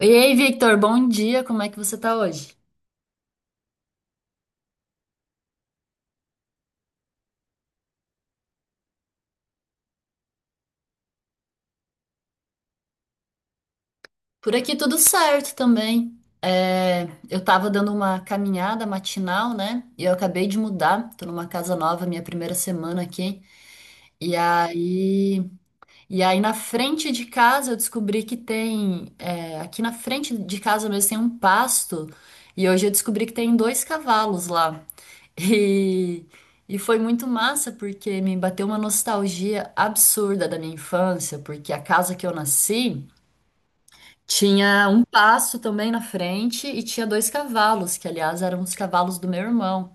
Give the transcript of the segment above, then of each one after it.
E aí, Victor, bom dia, como é que você tá hoje? Por aqui tudo certo também. Eu tava dando uma caminhada matinal, né? E eu acabei de mudar, tô numa casa nova, minha primeira semana aqui. E aí, e aí, na frente de casa eu descobri que tem, aqui na frente de casa mesmo tem um pasto. E hoje eu descobri que tem dois cavalos lá. E, e foi muito massa porque me bateu uma nostalgia absurda da minha infância, porque a casa que eu nasci tinha um passo também na frente e tinha dois cavalos, que aliás eram os cavalos do meu irmão.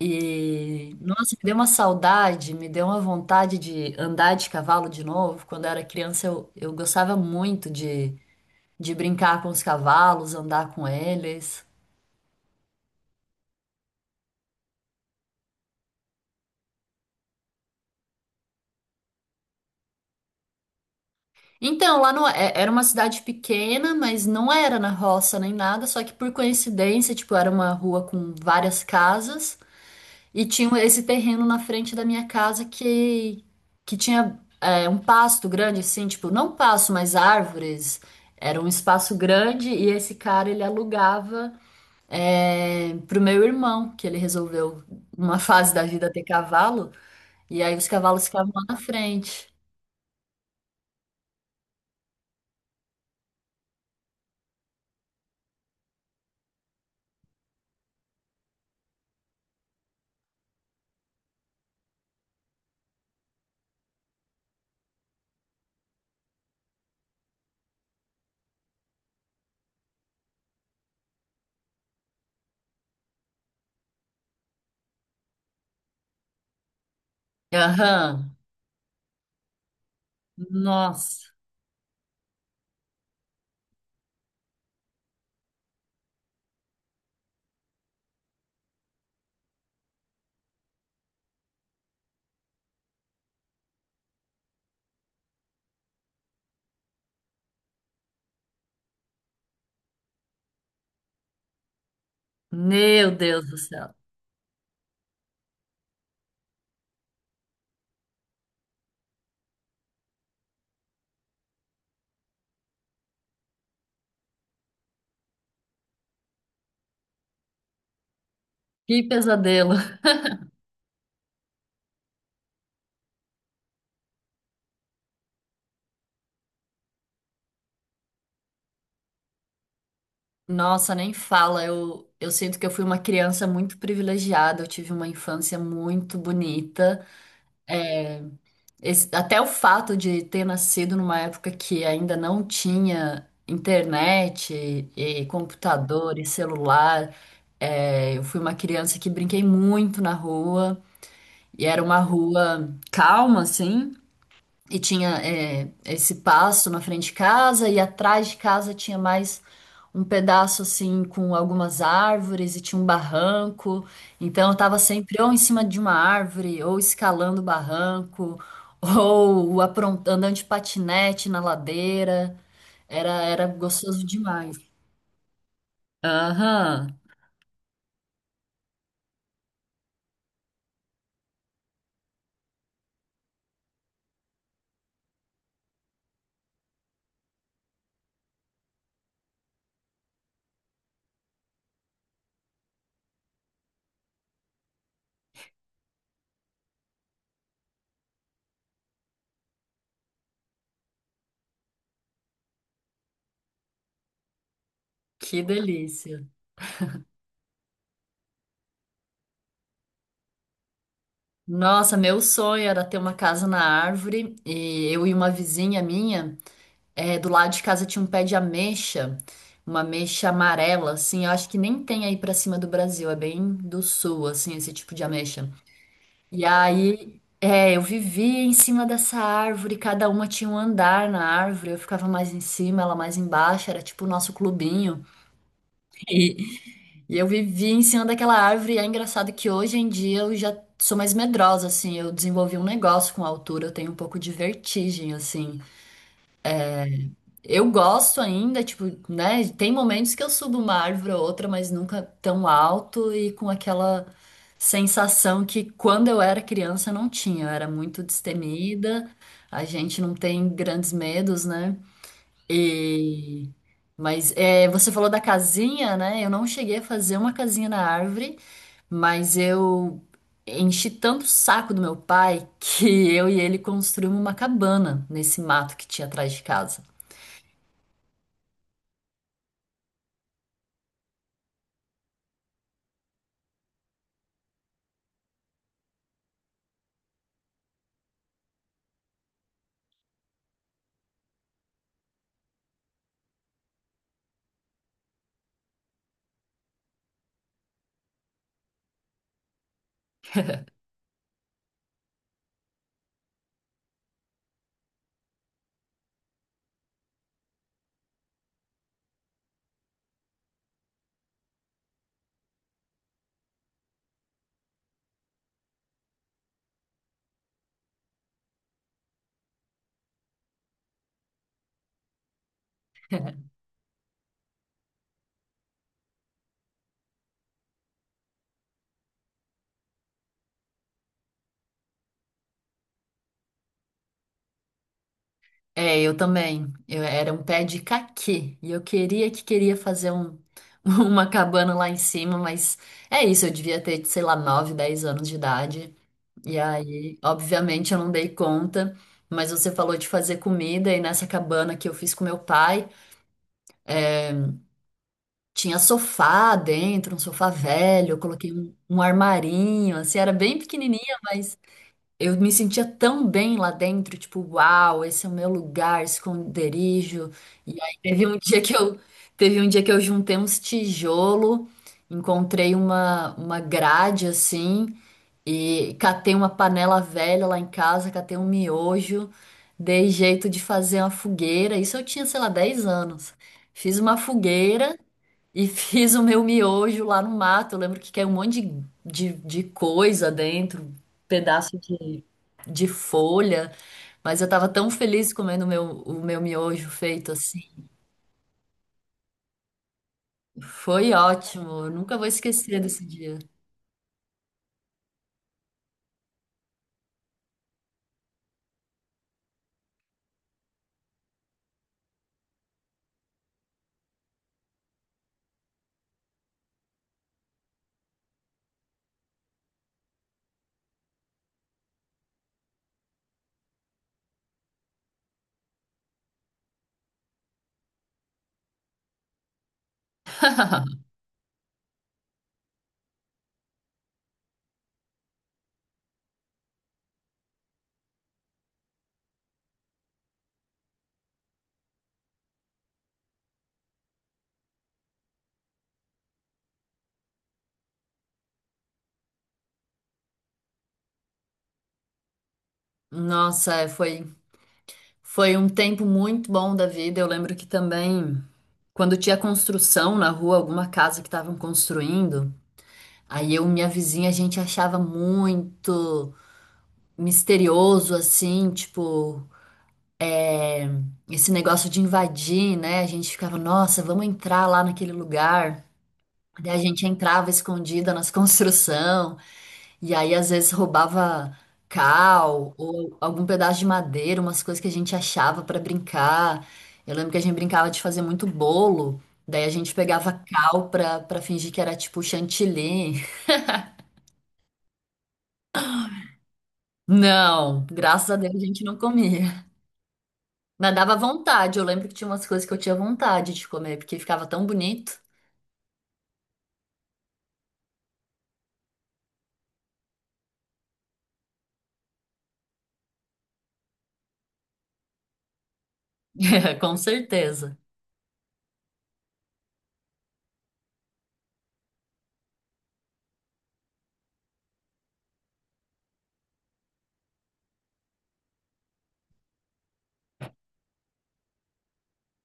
E nossa, me deu uma saudade, me deu uma vontade de andar de cavalo de novo. Quando eu era criança, eu gostava muito de brincar com os cavalos, andar com eles. Então, lá no, é- era uma cidade pequena, mas não era na roça nem nada, só que por coincidência, tipo, era uma rua com várias casas e esse terreno na frente da minha casa que tinha um pasto grande, assim, tipo, não pasto, mas árvores. Era um espaço grande e esse cara, ele alugava pro meu irmão, que ele resolveu, numa fase da vida, ter cavalo, e aí os cavalos ficavam lá na frente. Aham. Nossa. Meu Deus do céu. Que pesadelo. Nossa, nem fala. Eu sinto que eu fui uma criança muito privilegiada. Eu tive uma infância muito bonita. Até o fato de ter nascido numa época que ainda não tinha internet e computador e celular. É, eu fui uma criança que brinquei muito na rua. E era uma rua calma, assim. E tinha, é, esse pasto na frente de casa, e atrás de casa tinha mais um pedaço assim com algumas árvores, e tinha um barranco. Então eu tava sempre ou em cima de uma árvore, ou escalando o barranco, andando de patinete na ladeira. Era, era gostoso demais. Aham, que delícia. Nossa, meu sonho era ter uma casa na árvore, e eu e uma vizinha minha. É, do lado de casa tinha um pé de ameixa, uma ameixa amarela, assim, eu acho que nem tem aí pra cima do Brasil, é bem do sul, assim, esse tipo de ameixa. E aí, é, eu vivia em cima dessa árvore, cada uma tinha um andar na árvore, eu ficava mais em cima, ela mais embaixo, era tipo o nosso clubinho. E, e eu vivia em cima daquela árvore, e é engraçado que hoje em dia eu já sou mais medrosa, assim, eu desenvolvi um negócio com a altura, eu tenho um pouco de vertigem, assim. Eu gosto ainda, tipo, né? Tem momentos que eu subo uma árvore ou outra, mas nunca tão alto e com aquela sensação que quando eu era criança eu não tinha. Eu era muito destemida, a gente não tem grandes medos, né? E... Mas é, você falou da casinha, né? Eu não cheguei a fazer uma casinha na árvore, mas eu enchi tanto o saco do meu pai que eu e ele construímos uma cabana nesse mato que tinha atrás de casa. É, eu também. Eu era um pé de caqui e eu queria queria fazer uma cabana lá em cima, mas é isso, eu devia ter, sei lá, 9, 10 anos de idade. E aí, obviamente, eu não dei conta, mas você falou de fazer comida e nessa cabana que eu fiz com meu pai, tinha sofá dentro, um sofá velho, eu coloquei um armarinho, assim, era bem pequenininha. Eu me sentia tão bem lá dentro, tipo, uau, esse é o meu lugar, esconderijo. E aí teve um dia que eu Teve um dia que eu juntei uns tijolo, encontrei uma grade assim e catei uma panela velha lá em casa, catei um miojo, dei jeito de fazer uma fogueira. Isso eu tinha, sei lá, 10 anos. Fiz uma fogueira e fiz o meu miojo lá no mato. Eu lembro que caiu um monte de coisa dentro, pedaço de folha. Mas eu tava tão feliz comendo o meu miojo feito assim. Foi ótimo. Eu nunca vou esquecer desse dia. Nossa, é, foi, foi um tempo muito bom da vida. Eu lembro que também, quando tinha construção na rua, alguma casa que estavam construindo, aí eu e minha vizinha, a gente achava muito misterioso, assim, tipo, esse negócio de invadir, né? A gente ficava, nossa, vamos entrar lá naquele lugar. Daí a gente entrava escondida nas construção, e aí às vezes roubava cal ou algum pedaço de madeira, umas coisas que a gente achava para brincar. Eu lembro que a gente brincava de fazer muito bolo, daí a gente pegava cal pra fingir que era tipo chantilly. Não, graças a Deus a gente não comia. Mas dava vontade, eu lembro que tinha umas coisas que eu tinha vontade de comer, porque ficava tão bonito. Com certeza.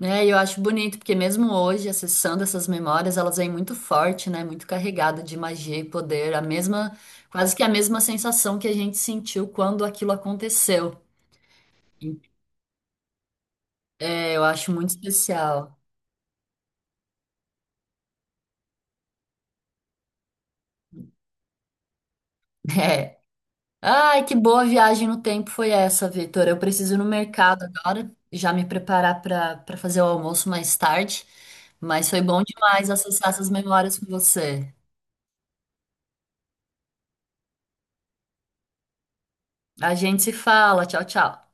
Né? E eu acho bonito, porque mesmo hoje, acessando essas memórias, elas vêm muito forte, né? Muito carregada de magia e poder, quase que a mesma sensação que a gente sentiu quando aquilo aconteceu. É, eu acho muito especial. É. Ai, que boa viagem no tempo foi essa, Vitor. Eu preciso ir no mercado agora, já me preparar para fazer o almoço mais tarde. Mas foi bom demais acessar essas memórias com você. A gente se fala. Tchau, tchau.